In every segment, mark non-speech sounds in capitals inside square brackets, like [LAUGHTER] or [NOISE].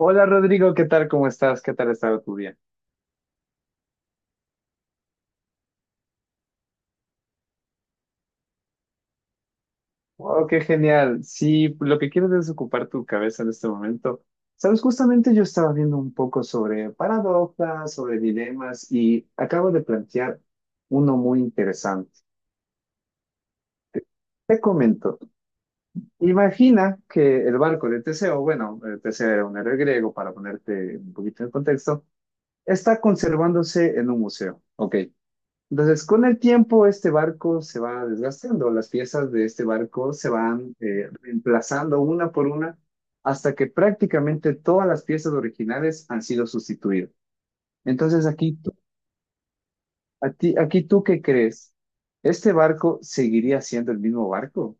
Hola Rodrigo, ¿qué tal? ¿Cómo estás? ¿Qué tal ha estado tu día? Wow, qué genial. Sí, lo que quieres es ocupar tu cabeza en este momento. Sabes, justamente yo estaba viendo un poco sobre paradojas, sobre dilemas y acabo de plantear uno muy interesante. Te comento, imagina que el barco de Teseo, bueno, Teseo era un héroe griego, para ponerte un poquito en contexto, está conservándose en un museo. Ok. Entonces, con el tiempo, este barco se va desgastando, las piezas de este barco se van reemplazando una por una hasta que prácticamente todas las piezas originales han sido sustituidas. Entonces, aquí tú, aquí tú, ¿qué crees? ¿Este barco seguiría siendo el mismo barco?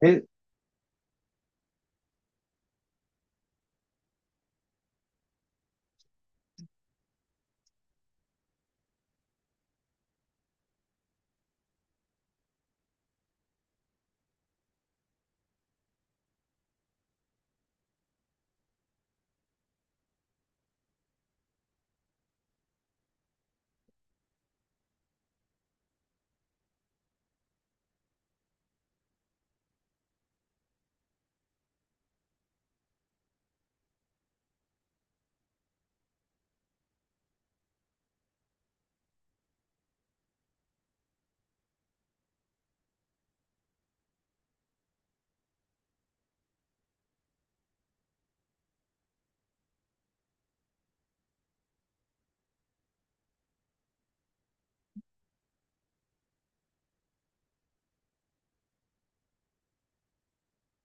Eh,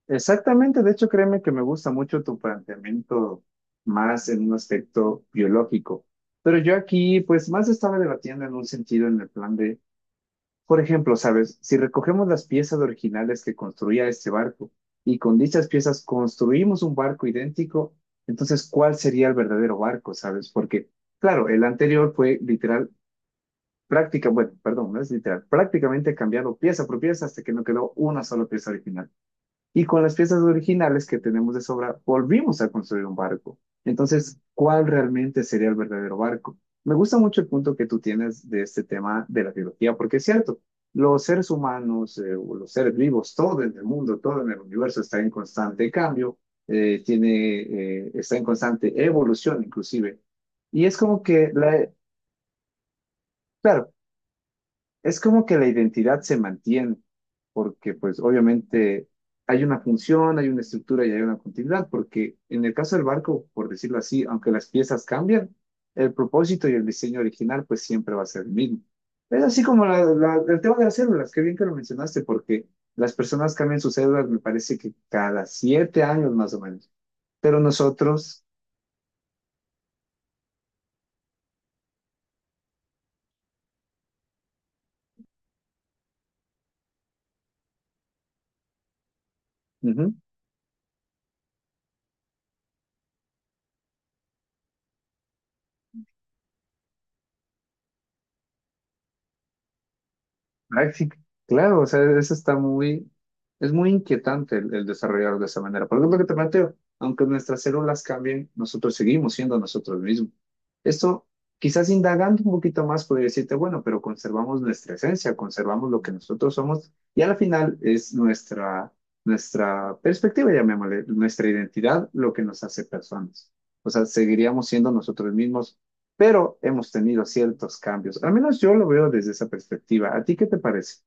exactamente, de hecho, créeme que me gusta mucho tu planteamiento más en un aspecto biológico, pero yo aquí, pues, más estaba debatiendo en un sentido en el plan de... Por ejemplo, ¿sabes? Si recogemos las piezas originales que construía este barco y con dichas piezas construimos un barco idéntico, entonces, ¿cuál sería el verdadero barco? ¿Sabes? Porque, claro, el anterior fue literal, práctica, bueno, perdón, no es literal, prácticamente cambiado pieza por pieza hasta que no quedó una sola pieza original. Y con las piezas originales que tenemos de sobra, volvimos a construir un barco. Entonces, ¿cuál realmente sería el verdadero barco? Me gusta mucho el punto que tú tienes de este tema de la biología, porque es cierto, los seres humanos, o los seres vivos, todo en el mundo, todo en el universo está en constante cambio, está en constante evolución inclusive. Y es como que, claro, es como que la identidad se mantiene, porque pues obviamente hay una función, hay una estructura y hay una continuidad, porque en el caso del barco, por decirlo así, aunque las piezas cambian, el propósito y el diseño original pues siempre va a ser el mismo. Es así como el tema de las células, qué bien que lo mencionaste, porque las personas cambian sus células, me parece que cada 7 años más o menos, pero nosotros... ujú. Ah, sí, claro, o sea, eso está muy, es muy inquietante el desarrollar de esa manera. Por ejemplo, que te planteo, aunque nuestras células cambien, nosotros seguimos siendo nosotros mismos. Esto, quizás indagando un poquito más, podría decirte, bueno, pero conservamos nuestra esencia, conservamos lo que nosotros somos y al final es nuestra perspectiva, llamémosle, nuestra identidad, lo que nos hace personas. O sea, seguiríamos siendo nosotros mismos pero hemos tenido ciertos cambios. Al menos yo lo veo desde esa perspectiva. ¿A ti qué te parece?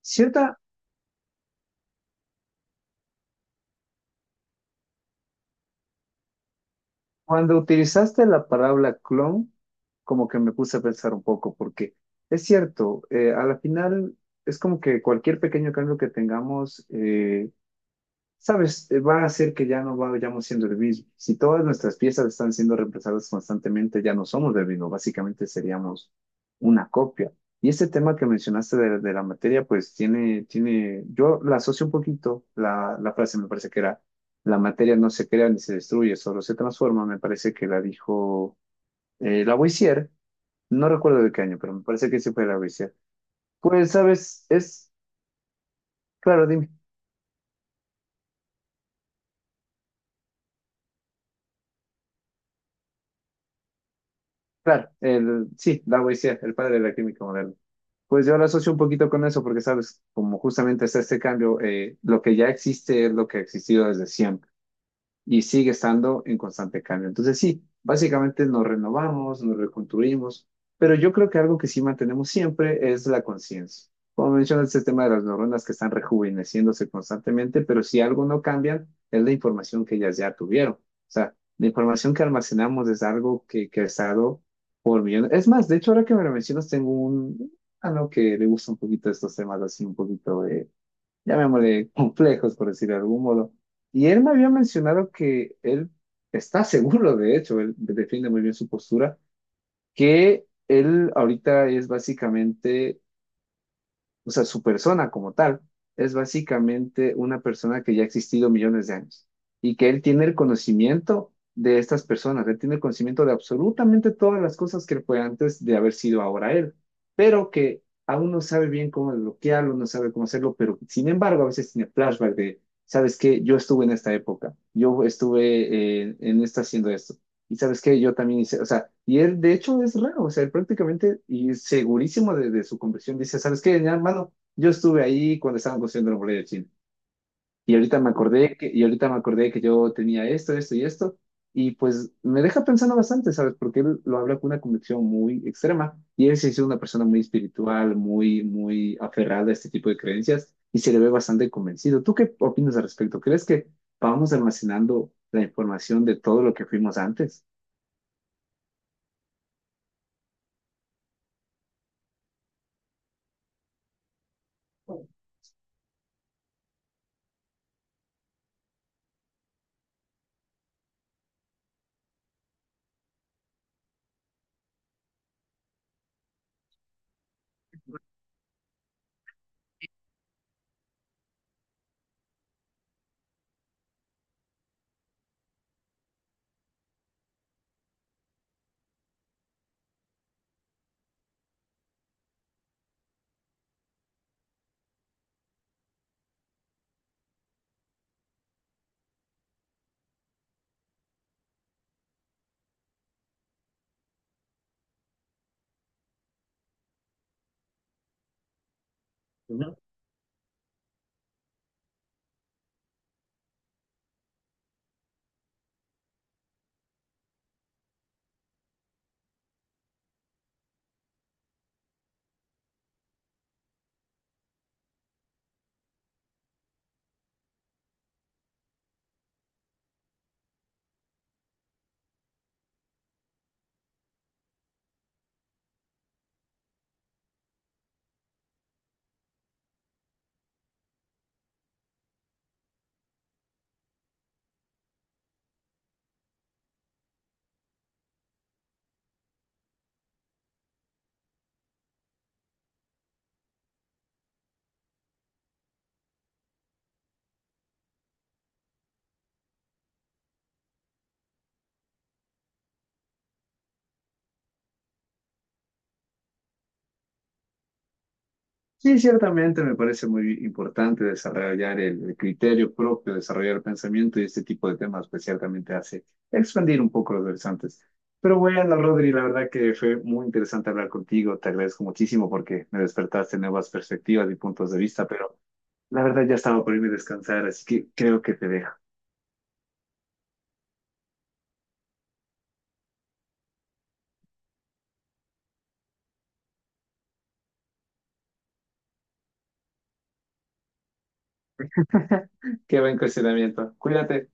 Cierta, cuando utilizaste la palabra clon, como que me puse a pensar un poco, porque es cierto, a la final es como que cualquier pequeño cambio que tengamos, va a hacer que ya no vayamos siendo el mismo. Si todas nuestras piezas están siendo reemplazadas constantemente, ya no somos el mismo, básicamente seríamos una copia. Y este tema que mencionaste de la materia, pues tiene, yo la asocio un poquito, la frase me parece que era, la materia no se crea ni se destruye, solo se transforma, me parece que la dijo Lavoisier, no recuerdo de qué año, pero me parece que sí fue Lavoisier. Pues, sabes, es, claro, dime, claro, el, sí, Lavoisier, el padre de la química moderna. Pues yo lo asocio un poquito con eso porque, sabes, como justamente está este cambio, lo que ya existe es lo que ha existido desde siempre y sigue estando en constante cambio. Entonces, sí, básicamente nos renovamos, nos reconstruimos, pero yo creo que algo que sí mantenemos siempre es la conciencia. Como mencionas, este tema de las neuronas que están rejuveneciéndose constantemente, pero si algo no cambia, es la información que ellas ya tuvieron. O sea, la información que almacenamos es algo que ha estado por millón. Es más, de hecho, ahora que me lo mencionas, tengo un algo que le gusta un poquito estos temas así, un poquito de, llamémosle, [LAUGHS] complejos, por decir de algún modo. Y él me había mencionado que él está seguro, de hecho, él defiende muy bien su postura, que él ahorita es básicamente o sea, su persona como tal es básicamente una persona que ya ha existido millones de años y que él tiene el conocimiento de estas personas, él tiene el conocimiento de absolutamente todas las cosas que fue antes de haber sido ahora él, pero que aún no sabe bien cómo desbloquearlo, no sabe cómo hacerlo, pero sin embargo a veces tiene flashback de, ¿sabes qué? Yo estuve en esta época, yo estuve en esta haciendo esto. Y sabes qué, yo también hice, o sea, y él de hecho es raro, o sea, él prácticamente y segurísimo de su convicción dice, ¿sabes qué, mi hermano? Yo estuve ahí cuando estaban construyendo la muralla de China. Y ahorita me acordé que, y ahorita me acordé que yo tenía esto, esto y esto. Y pues me deja pensando bastante, ¿sabes? Porque él lo habla con una convicción muy extrema. Y él se hizo una persona muy espiritual, muy aferrada a este tipo de creencias y se le ve bastante convencido. ¿Tú qué opinas al respecto? ¿Crees que vamos almacenando la información de todo lo que fuimos antes? Sí, ciertamente me parece muy importante desarrollar el criterio propio, desarrollar el pensamiento y este tipo de temas, pues ciertamente hace expandir un poco los horizontes. Pero bueno, Rodri, la verdad que fue muy interesante hablar contigo, te agradezco muchísimo porque me despertaste nuevas perspectivas y puntos de vista, pero la verdad ya estaba por irme a descansar, así que creo que te dejo. [LAUGHS] Qué buen cuestionamiento. Cuídate.